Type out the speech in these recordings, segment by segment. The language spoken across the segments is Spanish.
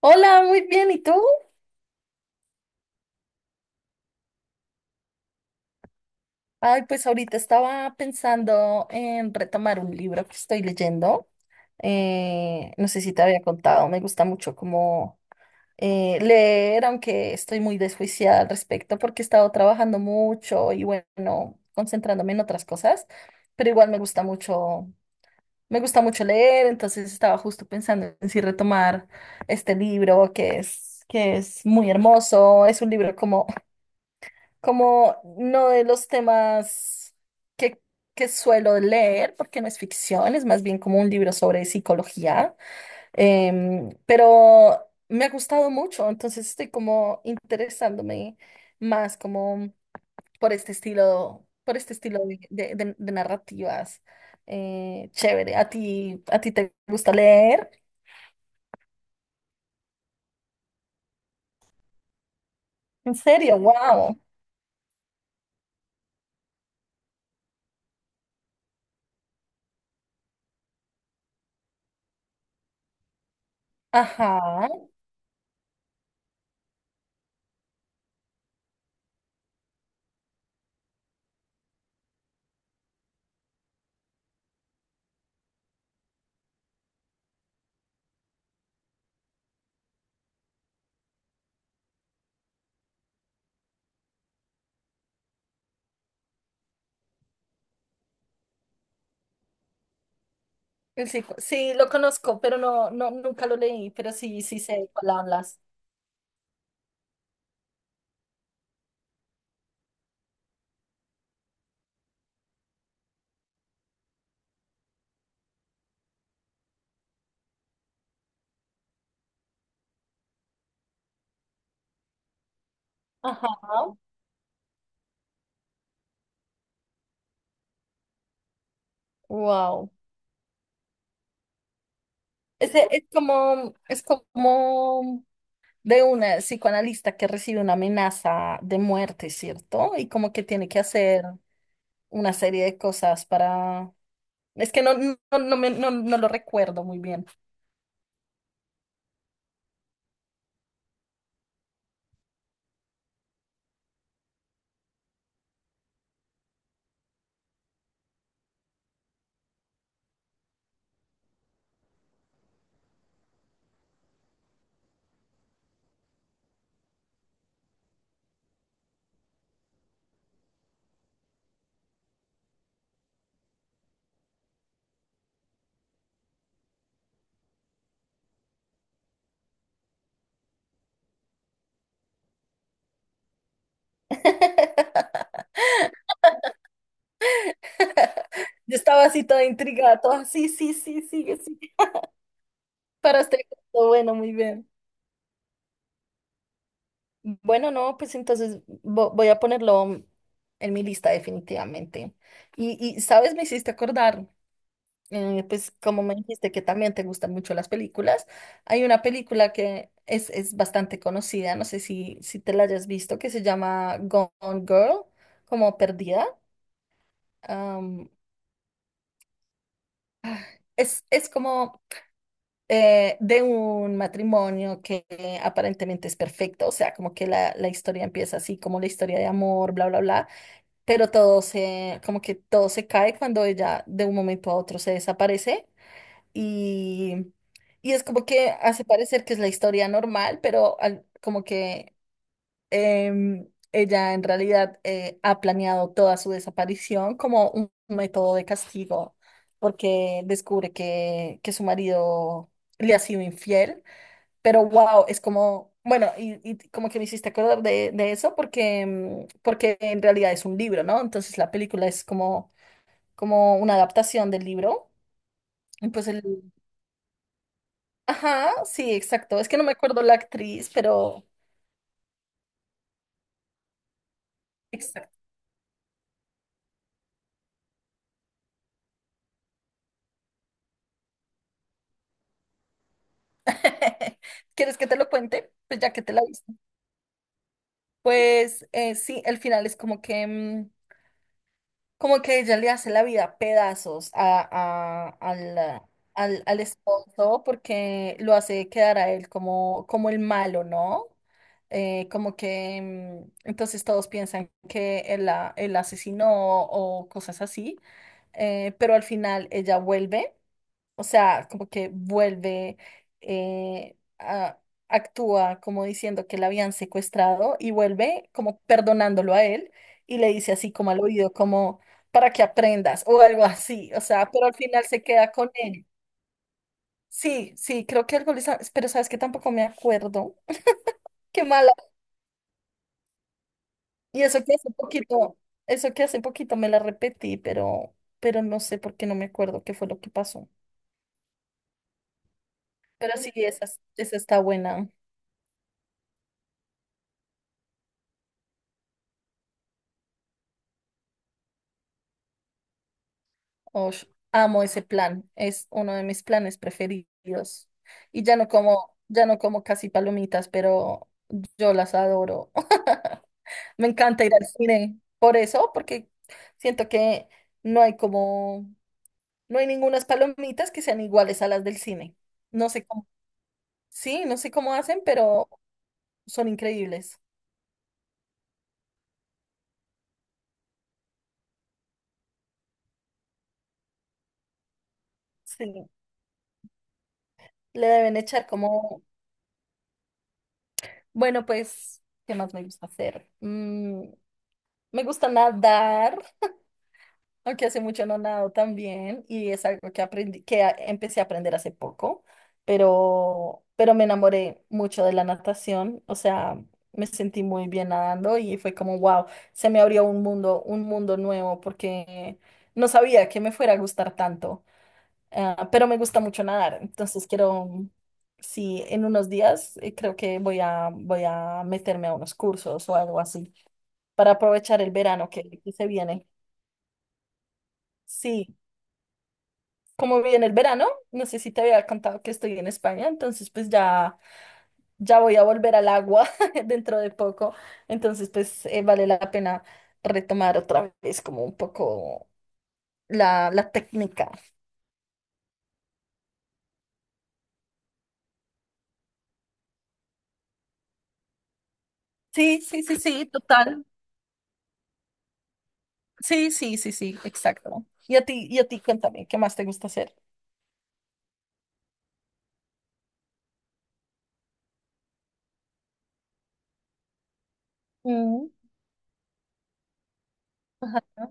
Hola, muy bien, ¿y tú? Ay, pues ahorita estaba pensando en retomar un libro que estoy leyendo. No sé si te había contado, me gusta mucho como leer, aunque estoy muy desjuiciada al respecto porque he estado trabajando mucho y bueno, concentrándome en otras cosas, pero igual me gusta mucho leer. Entonces estaba justo pensando en si retomar este libro que es muy hermoso. Es un libro como no de los temas que, que suelo leer, porque no es ficción, es más bien como un libro sobre psicología. Pero me ha gustado mucho, entonces estoy como interesándome más como por este estilo de narrativas. Chévere, ¿a ti te gusta leer? ¿En serio? ¡Wow! Ajá. Sí, lo conozco, pero no, no, nunca lo leí, pero sí, sí sé de cuál hablas. Ajá. Wow. Ese es como, de una psicoanalista que recibe una amenaza de muerte, ¿cierto? Y como que tiene que hacer una serie de cosas para… Es que no, no, no, no, no lo recuerdo muy bien. Yo estaba así toda intrigada, toda, sí, sí, sí, sigue, sigue. Para este gusto, bueno, muy bien. Bueno, no, pues entonces voy a ponerlo en mi lista definitivamente. Y, sabes, me hiciste acordar, pues como me dijiste que también te gustan mucho las películas, hay una película que es bastante conocida, no sé si te la hayas visto, que se llama Gone Girl, como Perdida. Am, es, como de un matrimonio que aparentemente es perfecto. O sea, como que la, historia empieza así, como la historia de amor, bla, bla, bla, pero como que todo se cae cuando ella de un momento a otro se desaparece. Y, es como que hace parecer que es la historia normal, pero como que ella en realidad ha planeado toda su desaparición como un método de castigo, porque descubre que su marido le ha sido infiel. Pero wow, es como, bueno. Y, como que me hiciste acordar de eso, porque, porque en realidad es un libro, ¿no? Entonces la película es como, una adaptación del libro. Y pues el… Ajá, sí, exacto. Es que no me acuerdo la actriz, pero… Exacto. ¿Quieres que te lo cuente? Pues ya que te la viste. Pues sí, el final es como que, como que ella le hace la vida a pedazos a, al esposo, porque lo hace quedar a él como, el malo, ¿no? Como que entonces todos piensan que él la asesinó o cosas así. Pero al final ella vuelve. O sea, como que vuelve, eh, a- actúa como diciendo que la habían secuestrado y vuelve como perdonándolo a él y le dice así como al oído, como para que aprendas o algo así. O sea, pero al final se queda con él. Sí, sí, creo que algo pero sabes que tampoco me acuerdo. Qué mala. Y eso que hace poquito, eso que hace poquito me la repetí, pero, no sé por qué no me acuerdo qué fue lo que pasó. Pero sí, esa, está buena. Ush, amo ese plan, es uno de mis planes preferidos. Y ya no como casi palomitas, pero yo las adoro. Me encanta ir al cine por eso, porque siento que no hay como, no hay ningunas palomitas que sean iguales a las del cine. No sé cómo, sí, no sé cómo hacen, pero son increíbles. Sí, le deben echar como, bueno, pues, ¿qué más me gusta hacer? Mm, me gusta nadar. Aunque hace mucho no nado también, y es algo que aprendí, que empecé a aprender hace poco. Pero, me enamoré mucho de la natación. O sea, me sentí muy bien nadando y fue como, wow, se me abrió un mundo nuevo, porque no sabía que me fuera a gustar tanto. Pero me gusta mucho nadar, entonces quiero, sí, en unos días creo que voy a meterme a unos cursos o algo así, para aprovechar el verano que se viene. Sí. Como viene el verano, no sé si te había contado que estoy en España, entonces pues ya, ya voy a volver al agua dentro de poco. Entonces pues vale la pena retomar otra vez como un poco la, técnica. Sí, sí, sí, sí, total. Sí, sí, sí, sí, exacto. Y a ti, cuéntame, ¿qué más te gusta hacer? Mm, ajá.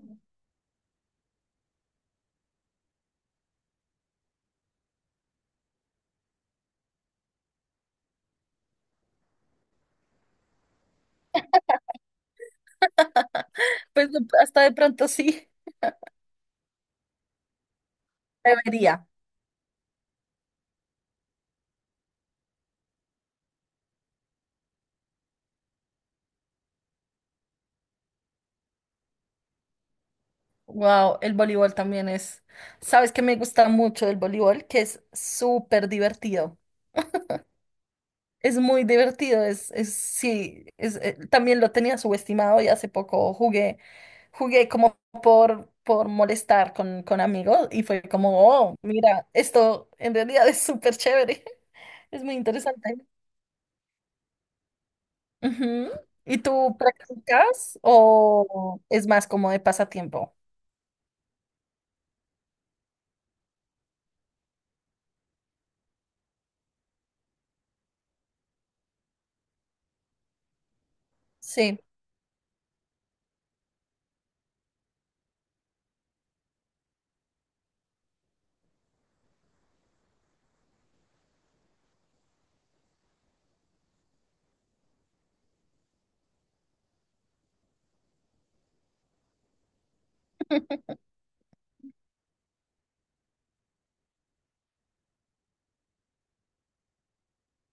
Pues hasta de pronto sí, debería. Wow, el voleibol también es. ¿Sabes qué me gusta mucho del voleibol? Que es súper divertido. Es muy divertido, también lo tenía subestimado, y hace poco jugué, como por molestar con amigos, y fue como, oh, mira, esto en realidad es súper chévere. Es muy interesante. Ujú. ¿Y tú practicas o es más como de pasatiempo? Sí.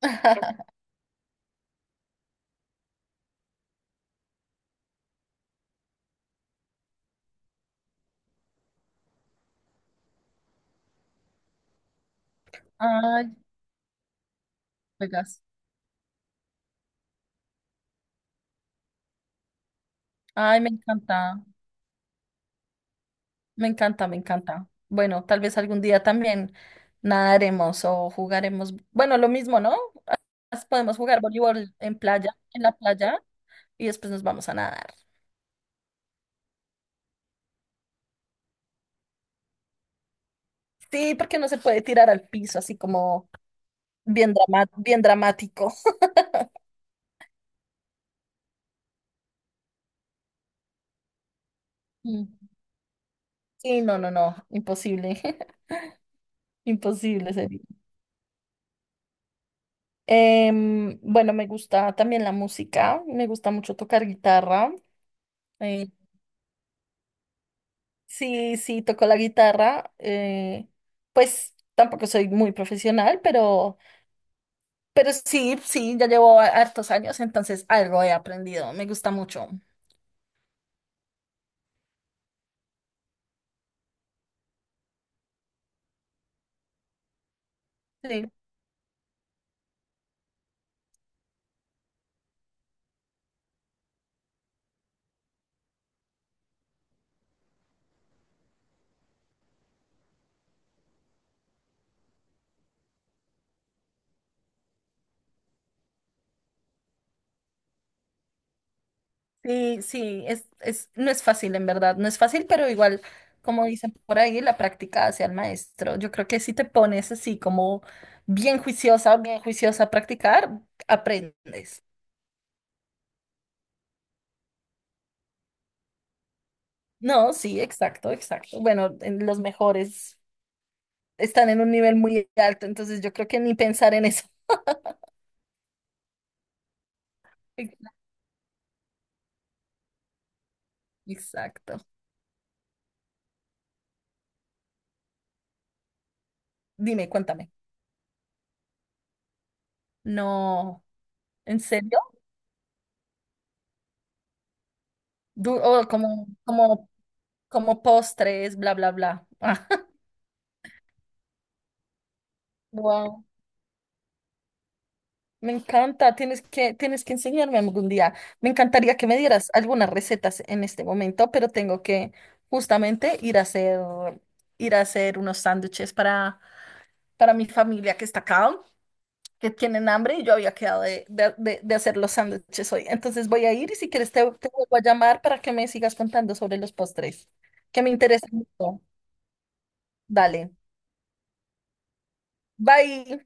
Ay, juegas. Ay, me encanta. Me encanta, me encanta. Bueno, tal vez algún día también nadaremos o jugaremos. Bueno, lo mismo, ¿no? Más. Podemos jugar voleibol en playa, en la playa, y después nos vamos a nadar. Sí, porque no se puede tirar al piso así como bien dramático. Mm. Sí, no, no, no, imposible. Imposible sería. Bueno, me gusta también la música, me gusta mucho tocar guitarra. eh, Sí, sí, toco la guitarra. Pues tampoco soy muy profesional, pero, sí, sí, ya llevo hartos años, entonces algo he aprendido. Me gusta mucho. Sí, sí, sí, no es fácil, en verdad, no es fácil, pero igual, como dicen por ahí, la práctica hace al maestro. Yo creo que si te pones así como bien juiciosa a practicar, aprendes. No, sí, exacto, exacto. Bueno, en los mejores están, en un nivel muy alto, entonces yo creo que ni pensar en eso. Exacto. Dime, cuéntame. No, ¿en serio? Oh, como, como postres, bla, bla, bla. Ah, wow, me encanta. Tienes que, enseñarme algún día. Me encantaría que me dieras algunas recetas en este momento, pero tengo que justamente ir a hacer unos sándwiches para, mi familia que está acá, que tienen hambre, y yo había quedado de hacer los sándwiches hoy. Entonces voy a ir, y si quieres te, vuelvo a llamar para que me sigas contando sobre los postres, que me interesan mucho. Dale, bye.